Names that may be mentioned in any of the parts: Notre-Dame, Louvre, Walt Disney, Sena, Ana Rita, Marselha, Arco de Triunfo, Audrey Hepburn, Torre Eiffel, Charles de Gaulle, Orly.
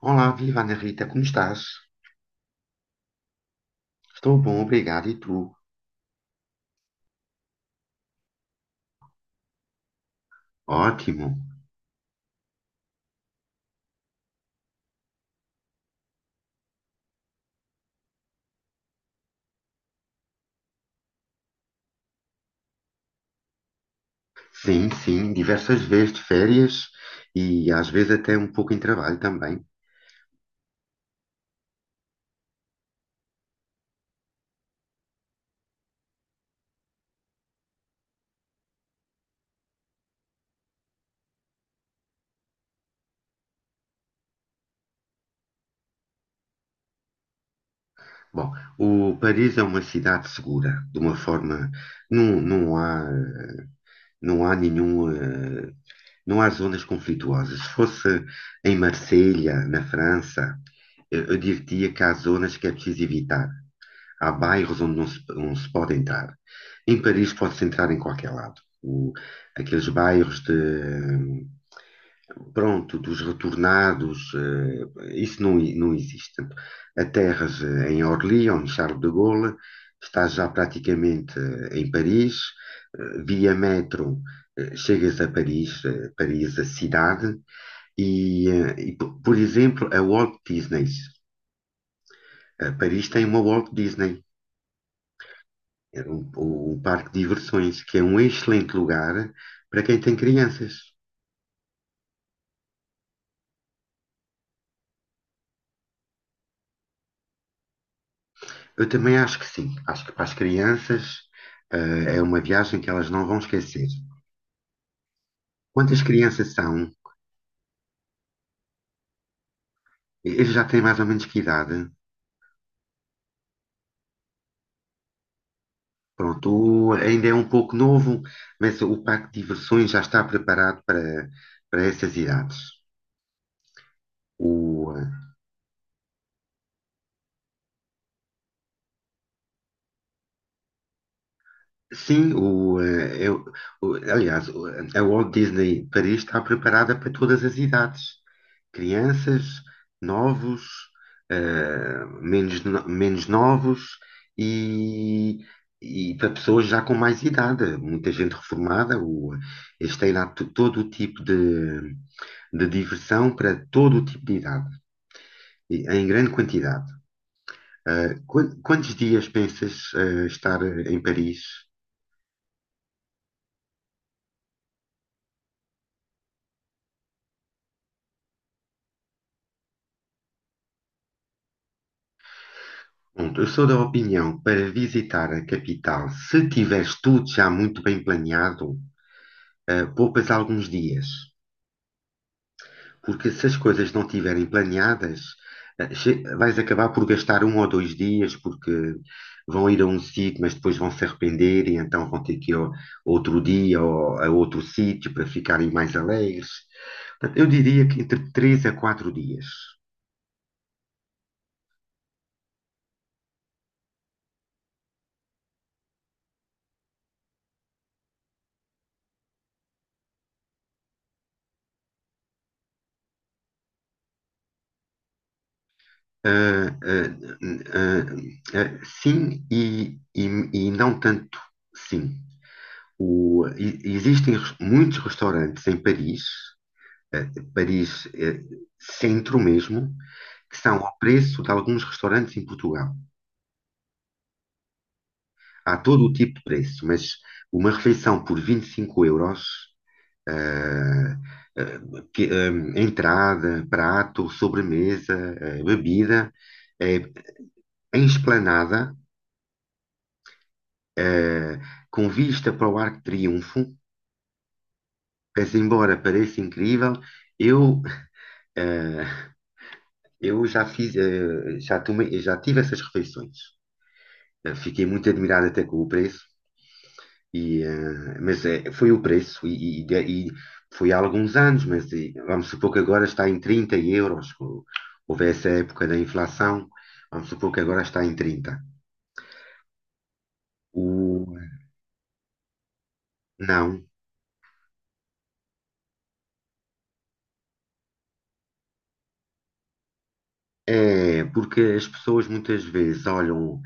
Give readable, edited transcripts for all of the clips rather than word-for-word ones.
Olá, viva Ana Rita, como estás? Estou bom, obrigado. E tu? Ótimo. Sim, sim, diversas vezes de férias e às vezes até um pouco em trabalho também. Bom, o Paris é uma cidade segura, de uma forma, não, não há, não há nenhum, não há zonas conflituosas. Se fosse em Marselha, na França, eu diria que há zonas que é preciso evitar. Há bairros onde não se pode entrar. Em Paris pode-se entrar em qualquer lado. Aqueles bairros de, pronto, dos retornados, isso não, não existe. Portanto, a terras em Orly, ou no Charles de Gaulle, está já praticamente em Paris. Via metro, chegas a Paris, Paris, a cidade, por exemplo, a Walt Disney. Paris tem uma Walt Disney. Era o parque de diversões, que é um excelente lugar para quem tem crianças. Eu também acho que sim. Acho que para as crianças, é uma viagem que elas não vão esquecer. Quantas crianças são? Eles já têm mais ou menos que idade. Pronto, ainda é um pouco novo, mas o parque de diversões já está preparado para essas idades. O, eh, sim, o, eh, eu, o- aliás, o- A Walt Disney Paris está preparada para todas as idades. Crianças, novos, menos, menos novos e, e para pessoas já com mais idade, muita gente reformada. Eles têm lá todo o tipo de diversão para todo o tipo de idade, em grande quantidade. Quantos dias pensas, estar em Paris? Pronto, eu sou da opinião para visitar a capital, se tiveres tudo já muito bem planeado, poupas alguns dias. Porque se as coisas não estiverem planeadas, vais acabar por gastar um ou dois dias, porque vão ir a um sítio, mas depois vão se arrepender e então vão ter que ir outro dia ou a outro sítio para ficarem mais alegres. Portanto, eu diria que entre 3 a 4 dias. Ah, ah, ah, sim e não tanto sim. Existem muitos restaurantes em Paris, Paris, centro mesmo, que são ao preço de alguns restaurantes em Portugal. Há todo o tipo de preço, mas uma refeição por 25 euros, eh, eh, que, eh, entrada, prato, sobremesa, bebida, eh, em esplanada, eh, com vista para o Arco de Triunfo, mas embora pareça incrível, eu, eh, eu já fiz, já tomei, já tive essas refeições. Eh, Fiquei muito admirado até com o preço. Foi o preço, e foi há alguns anos, vamos supor que agora está em 30 euros. Houve essa época da inflação, vamos supor que agora está em trinta. O, não, é porque as pessoas muitas vezes olham,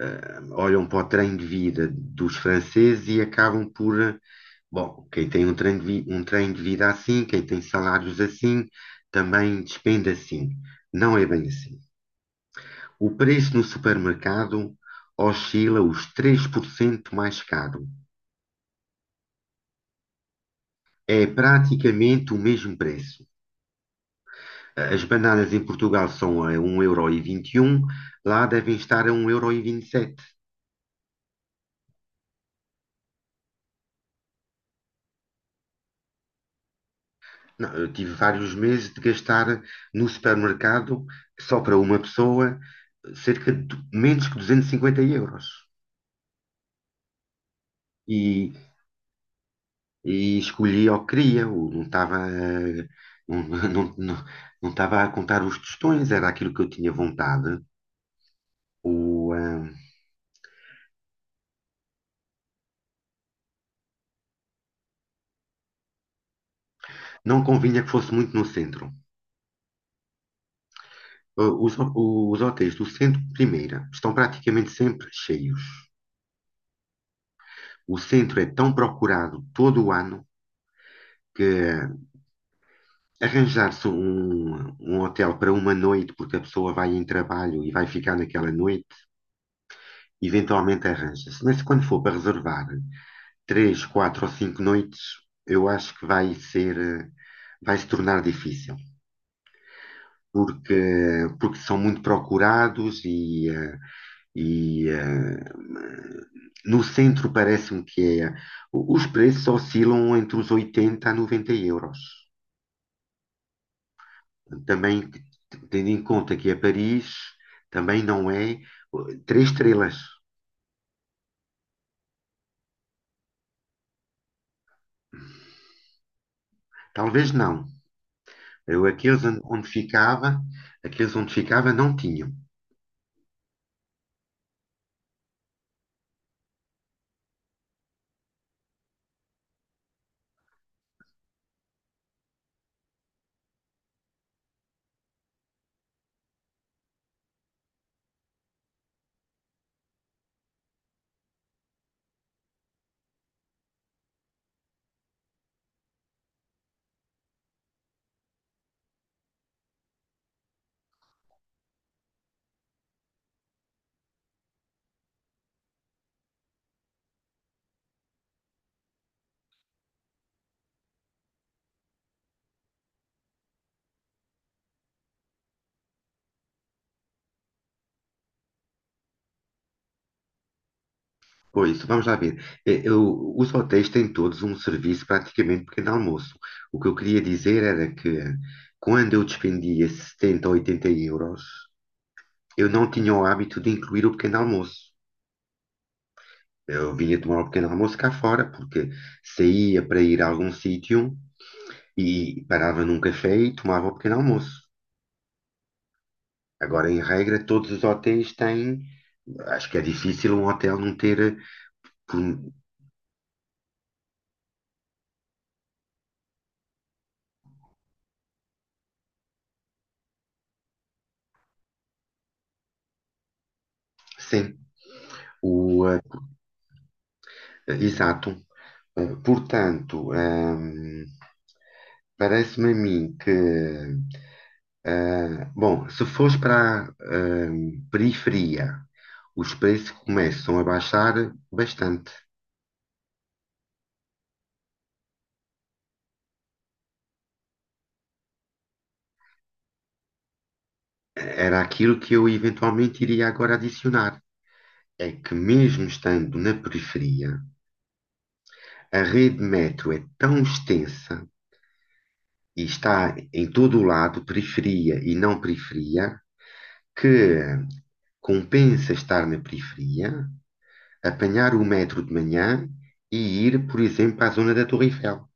olham para o trem de vida dos franceses e acabam por, bom, quem tem um um trem de vida assim, quem tem salários assim, também despende assim. Não é bem assim. O preço no supermercado oscila os 3% mais caro. É praticamente o mesmo preço. As bananas em Portugal são a 1,21€, lá devem estar a um 1,27€. Não, eu tive vários meses de gastar no supermercado, só para uma pessoa, cerca de menos que 250 euros. E, e escolhi o que queria, não, não, não, não estava a contar os tostões, era aquilo que eu tinha vontade. O, eh, não convinha que fosse muito no centro. O- Os, ho- os hotéis do centro, primeira, estão praticamente sempre cheios. O centro é tão procurado todo o ano que arranjar-se um hotel para uma noite, porque a pessoa vai em trabalho e vai ficar naquela noite, eventualmente arranja-se. Mas quando for para reservar três, quatro ou cinco noites, eu acho que vai ser, vai se tornar difícil. Porque, porque são muito procurados e eh, no centro parece-me que é, os preços oscilam entre os 80 a 90 euros. Também, tendo em conta que é Paris, também não é três estrelas. Talvez não. Aqueles onde ficava, aqueles onde ficava não tinham. Pois, vamos lá ver. Os hotéis têm todos um serviço praticamente pequeno almoço. O que eu queria dizer era que quando eu despendia 70 ou 80 euros, eu não tinha o hábito de incluir o pequeno almoço. Eu vinha tomar o pequeno almoço cá fora, porque saía para ir a algum sítio e parava num café e tomava o pequeno almoço. Agora, em regra, todos os hotéis têm. Acho que é difícil um hotel não ter, por- sim. O, Exato. Portanto, parece-me a mim que, bom, se fores para a periferia, os preços começam a baixar bastante. Era aquilo que eu eventualmente iria agora adicionar. É que mesmo estando na periferia, a rede metro é tão extensa e está em todo o lado, periferia e não periferia, que compensa estar na periferia, apanhar o metro de manhã e ir, por exemplo, à zona da Torre Eiffel.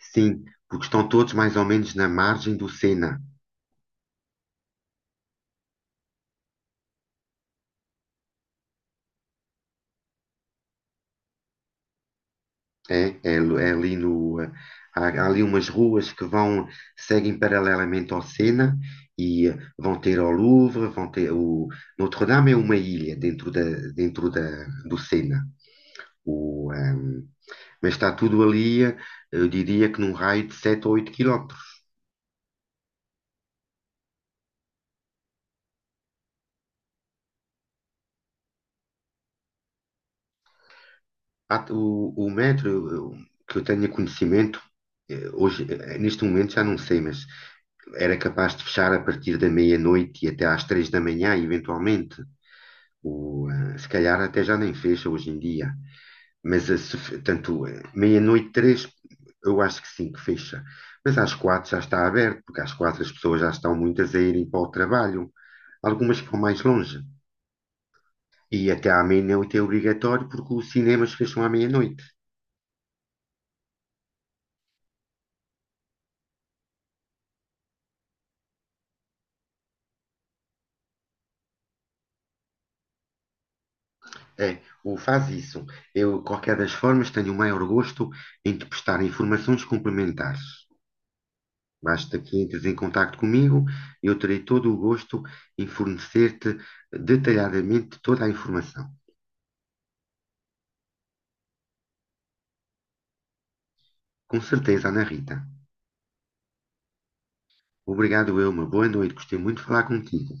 Sim, porque estão todos mais ou menos na margem do Sena. É ali no, há, há ali umas ruas que vão, seguem paralelamente ao Sena vão ter ao Louvre, vão ter o Notre-Dame. É uma ilha dentro da, do Sena. O, ehm, mas está tudo ali, eu diria que num raio de 7 ou 8 quilómetros. O metro, que eu tenha conhecimento, hoje, neste momento já não sei, mas era capaz de fechar a partir da meia-noite e até às três da manhã, eventualmente. Se calhar até já nem fecha hoje em dia. Mas eh, se fe- tanto eh, meia-noite, três, eu acho que sim, que fecha. Mas às quatro já está aberto, porque às quatro as pessoas já estão muitas a irem para o trabalho. Algumas que vão mais longe. E até à meia-noite é obrigatório, porque os cinemas fecham à meia-noite. É, o faz isso. Eu, qualquer das formas, tenho o maior gosto em te prestar informações complementares. Basta que entres em contato comigo, eu terei todo o gosto em fornecer-te detalhadamente toda a informação. Com certeza, Ana Rita. Obrigado, eu. Uma boa noite. Gostei muito de falar contigo.